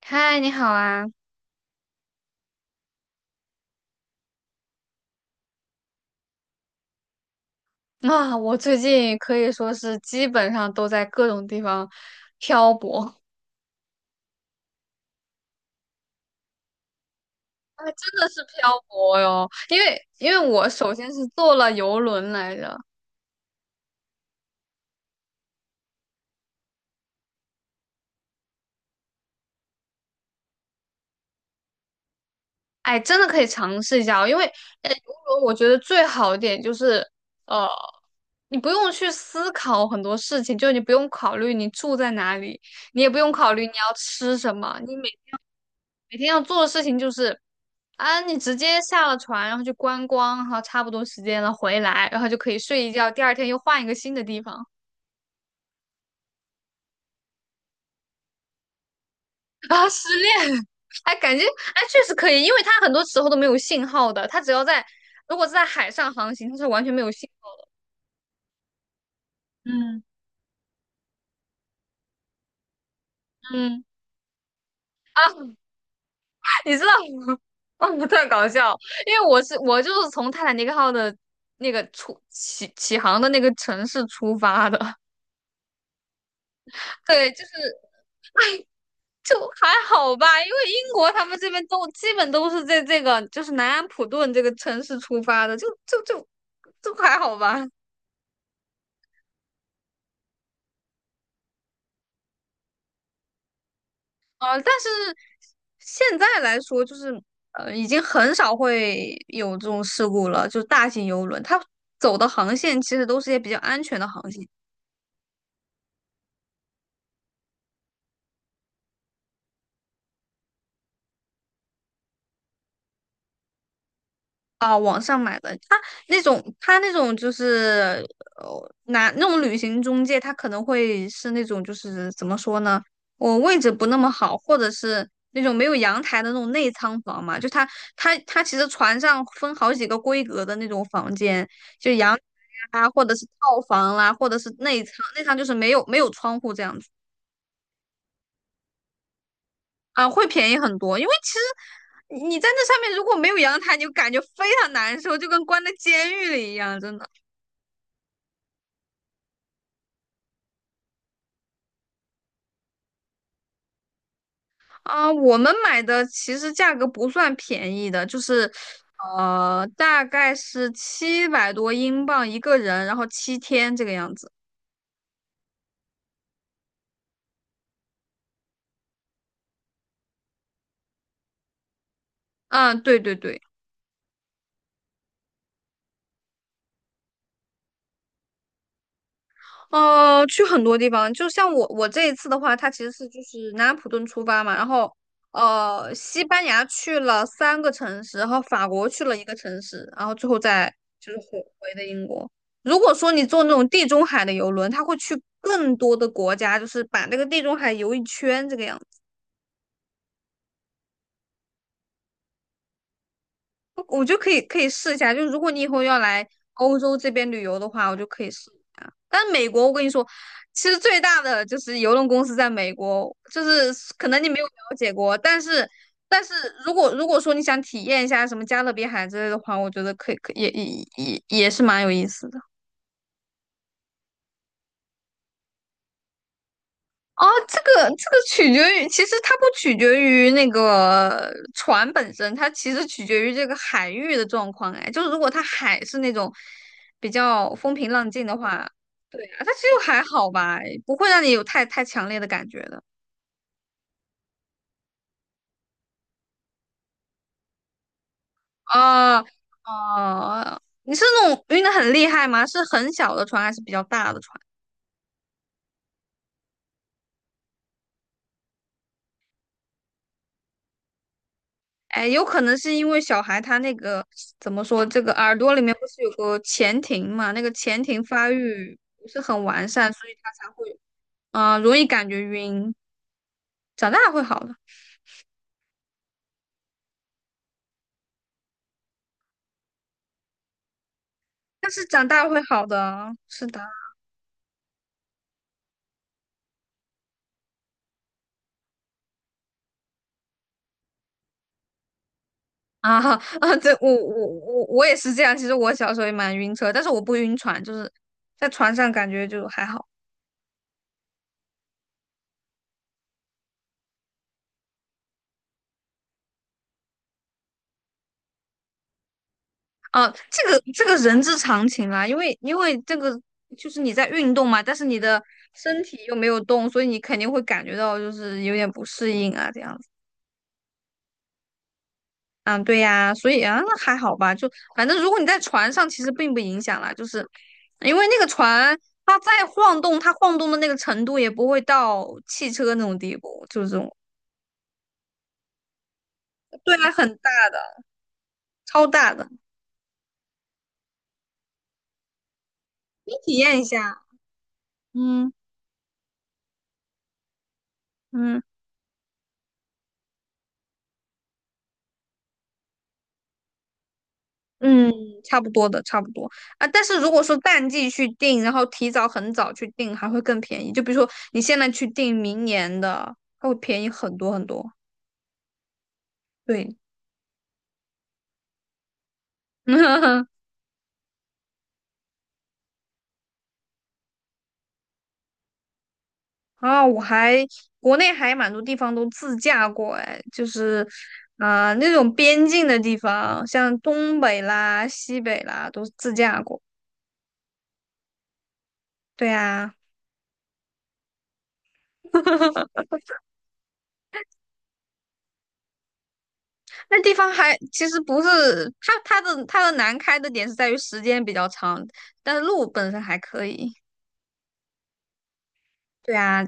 嗨，你好啊！啊，我最近可以说是基本上都在各种地方漂泊，啊，真的是漂泊哟。因为我首先是坐了游轮来着，哎，真的可以尝试一下哦。因为游轮我觉得最好一点就是，呃，你不用去思考很多事情，就你不用考虑你住在哪里，你也不用考虑你要吃什么，你每天要做的事情就是啊，你直接下了船，然后就观光，然后差不多时间了回来，然后就可以睡一觉，第二天又换一个新的地方啊，失恋，哎，感觉确实可以，因为它很多时候都没有信号的，它只要在如果是在海上航行，它是完全没有信号的。嗯，嗯，你知道吗？哦，特搞笑，因为我从泰坦尼克号的那个起航的那个城市出发的，对，就是 就还好吧，因为英国他们这边都基本都是在这个就是南安普顿这个城市出发的，就还好吧。啊！但是现在来说，就是已经很少会有这种事故了，就是大型游轮，它走的航线其实都是一些比较安全的航线。那种就是拿那种旅行中介，他可能会是那种就是怎么说呢？我位置不那么好，或者是那种没有阳台的那种内舱房嘛，就他其实船上分好几个规格的那种房间，就阳台啊，或者是套房啦、或者是内舱，内舱就是没有窗户这样子啊，会便宜很多，因为其实。你在那上面如果没有阳台，你就感觉非常难受，就跟关在监狱里一样，真的。啊，我们买的其实价格不算便宜的，就是大概是700多英镑一个人，然后7天这个样子。嗯，对对对。去很多地方，就像我这一次的话，它其实是就是南安普顿出发嘛，然后西班牙去了3个城市，然后法国去了一个城市，然后最后再就是回的英国。如果说你坐那种地中海的游轮，它会去更多的国家，就是把那个地中海游一圈这个样子。我就可以试一下，就如果你以后要来欧洲这边旅游的话，我就可以试一下。但美国，我跟你说，其实最大的就是邮轮公司在美国，就是可能你没有了解过，但是如果说你想体验一下什么加勒比海之类的话，我觉得可以也是蛮有意思的。哦，这个取决于，其实它不取决于那个船本身，它其实取决于这个海域的状况。哎，就是如果它海是那种比较风平浪静的话，对啊，它其实还好吧，不会让你有太强烈的感觉的。啊哦，你是那种晕的很厉害吗？是很小的船还是比较大的船？哎，有可能是因为小孩他那个怎么说，这个耳朵里面不是有个前庭嘛？那个前庭发育不是很完善，所以他才会容易感觉晕。长大会好的，但是长大会好的啊，是的啊 啊！这我也是这样。其实我小时候也蛮晕车，但是我不晕船，就是在船上感觉就还好。啊，这个人之常情啦，因为这个就是你在运动嘛，但是你的身体又没有动，所以你肯定会感觉到就是有点不适应啊，这样子。嗯，对呀，所以啊，那还好吧，就反正如果你在船上，其实并不影响啦，就是因为那个船它再晃动，它晃动的那个程度也不会到汽车那种地步，就是这种，对啊，很大的，超大的，你体验一下，嗯嗯。嗯，差不多的，差不多啊。但是如果说淡季去订，然后提早很早去订，还会更便宜。就比如说你现在去订明年的，它会便宜很多很多。对，啊，国内还蛮多地方都自驾过，哎，就是那种边境的地方，像东北啦、西北啦，都自驾过。对啊。那地方还其实不是它的难开的点是在于时间比较长，但是路本身还可以。对啊，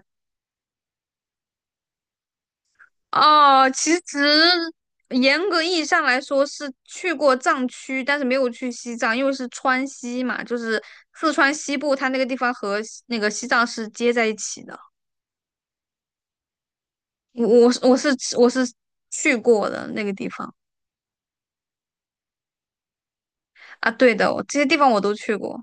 哦，其实严格意义上来说是去过藏区，但是没有去西藏，因为是川西嘛，就是四川西部，它那个地方和西那个西藏是接在一起的。我去过的那个地方啊，对的，我这些地方我都去过。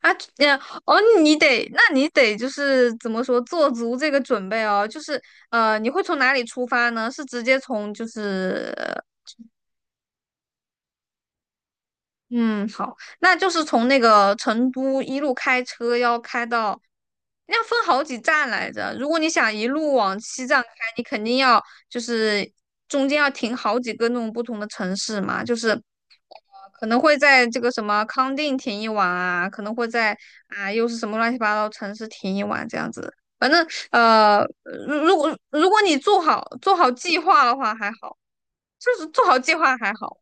啊，呀，哦，那你得就是怎么说，做足这个准备哦。就是你会从哪里出发呢？是直接从就是嗯，好，那就是从那个成都一路开车要开到，要分好几站来着。如果你想一路往西藏开，你肯定要就是中间要停好几个那种不同的城市嘛，就是可能会在这个什么康定停一晚啊，可能会在啊又是什么乱七八糟城市停一晚这样子。反正呃，如果你做好计划的话还好，就是做好计划还好，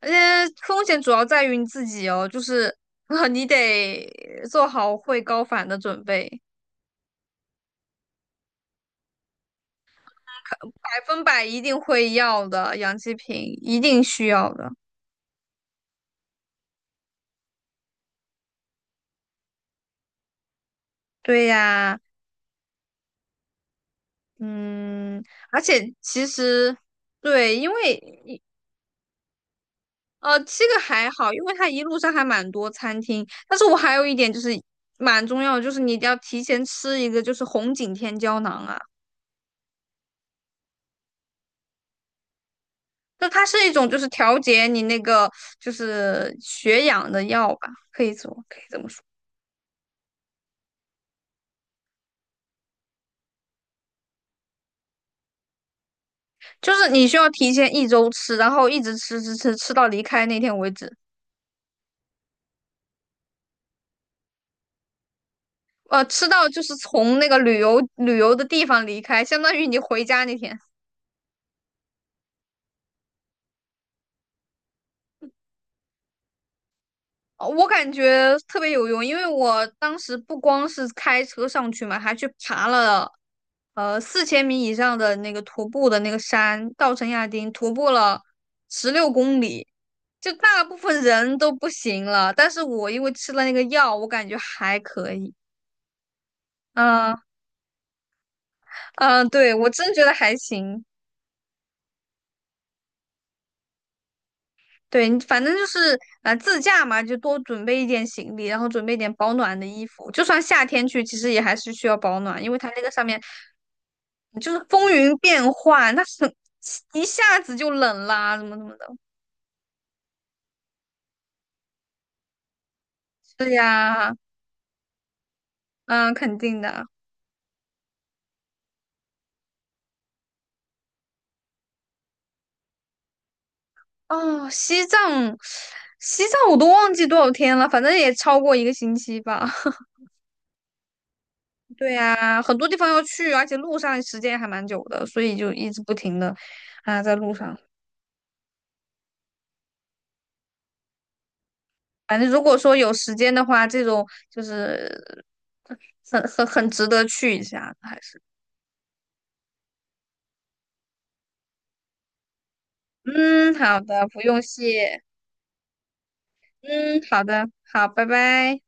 而且风险主要在于你自己哦，就是你得做好会高反的准备，百分百一定会要的，氧气瓶一定需要的。对呀，嗯，而且其实。对，因为这个还好，因为它一路上还蛮多餐厅。但是我还有一点就是蛮重要的，就是你一定要提前吃一个，就是红景天胶囊啊，就它是一种就是调节你那个就是血氧的药吧，可以这么说，就是你需要提前一周吃，然后一直吃到离开那天为止，吃到就是从那个旅游的地方离开，相当于你回家那天。哦我感觉特别有用，因为我当时不光是开车上去嘛，还去爬了4000米以上的那个徒步的那个山，稻城亚丁，徒步了16公里，就大部分人都不行了，但是我因为吃了那个药，我感觉还可以。嗯嗯，对，我真觉得还行。对，你反正就是自驾嘛，就多准备一点行李，然后准备一点保暖的衣服。就算夏天去，其实也还是需要保暖，因为它那个上面嗯就是风云变幻，它一下子就冷啦，怎么怎么的。对呀，嗯，肯定的。哦，西藏，西藏我都忘记多少天了，反正也超过一个星期吧。对呀，很多地方要去，而且路上时间还蛮久的，所以就一直不停的啊在路上。反正如果说有时间的话，这种就是很值得去一下的还是嗯，好的，不用谢，嗯，好的，好，拜拜。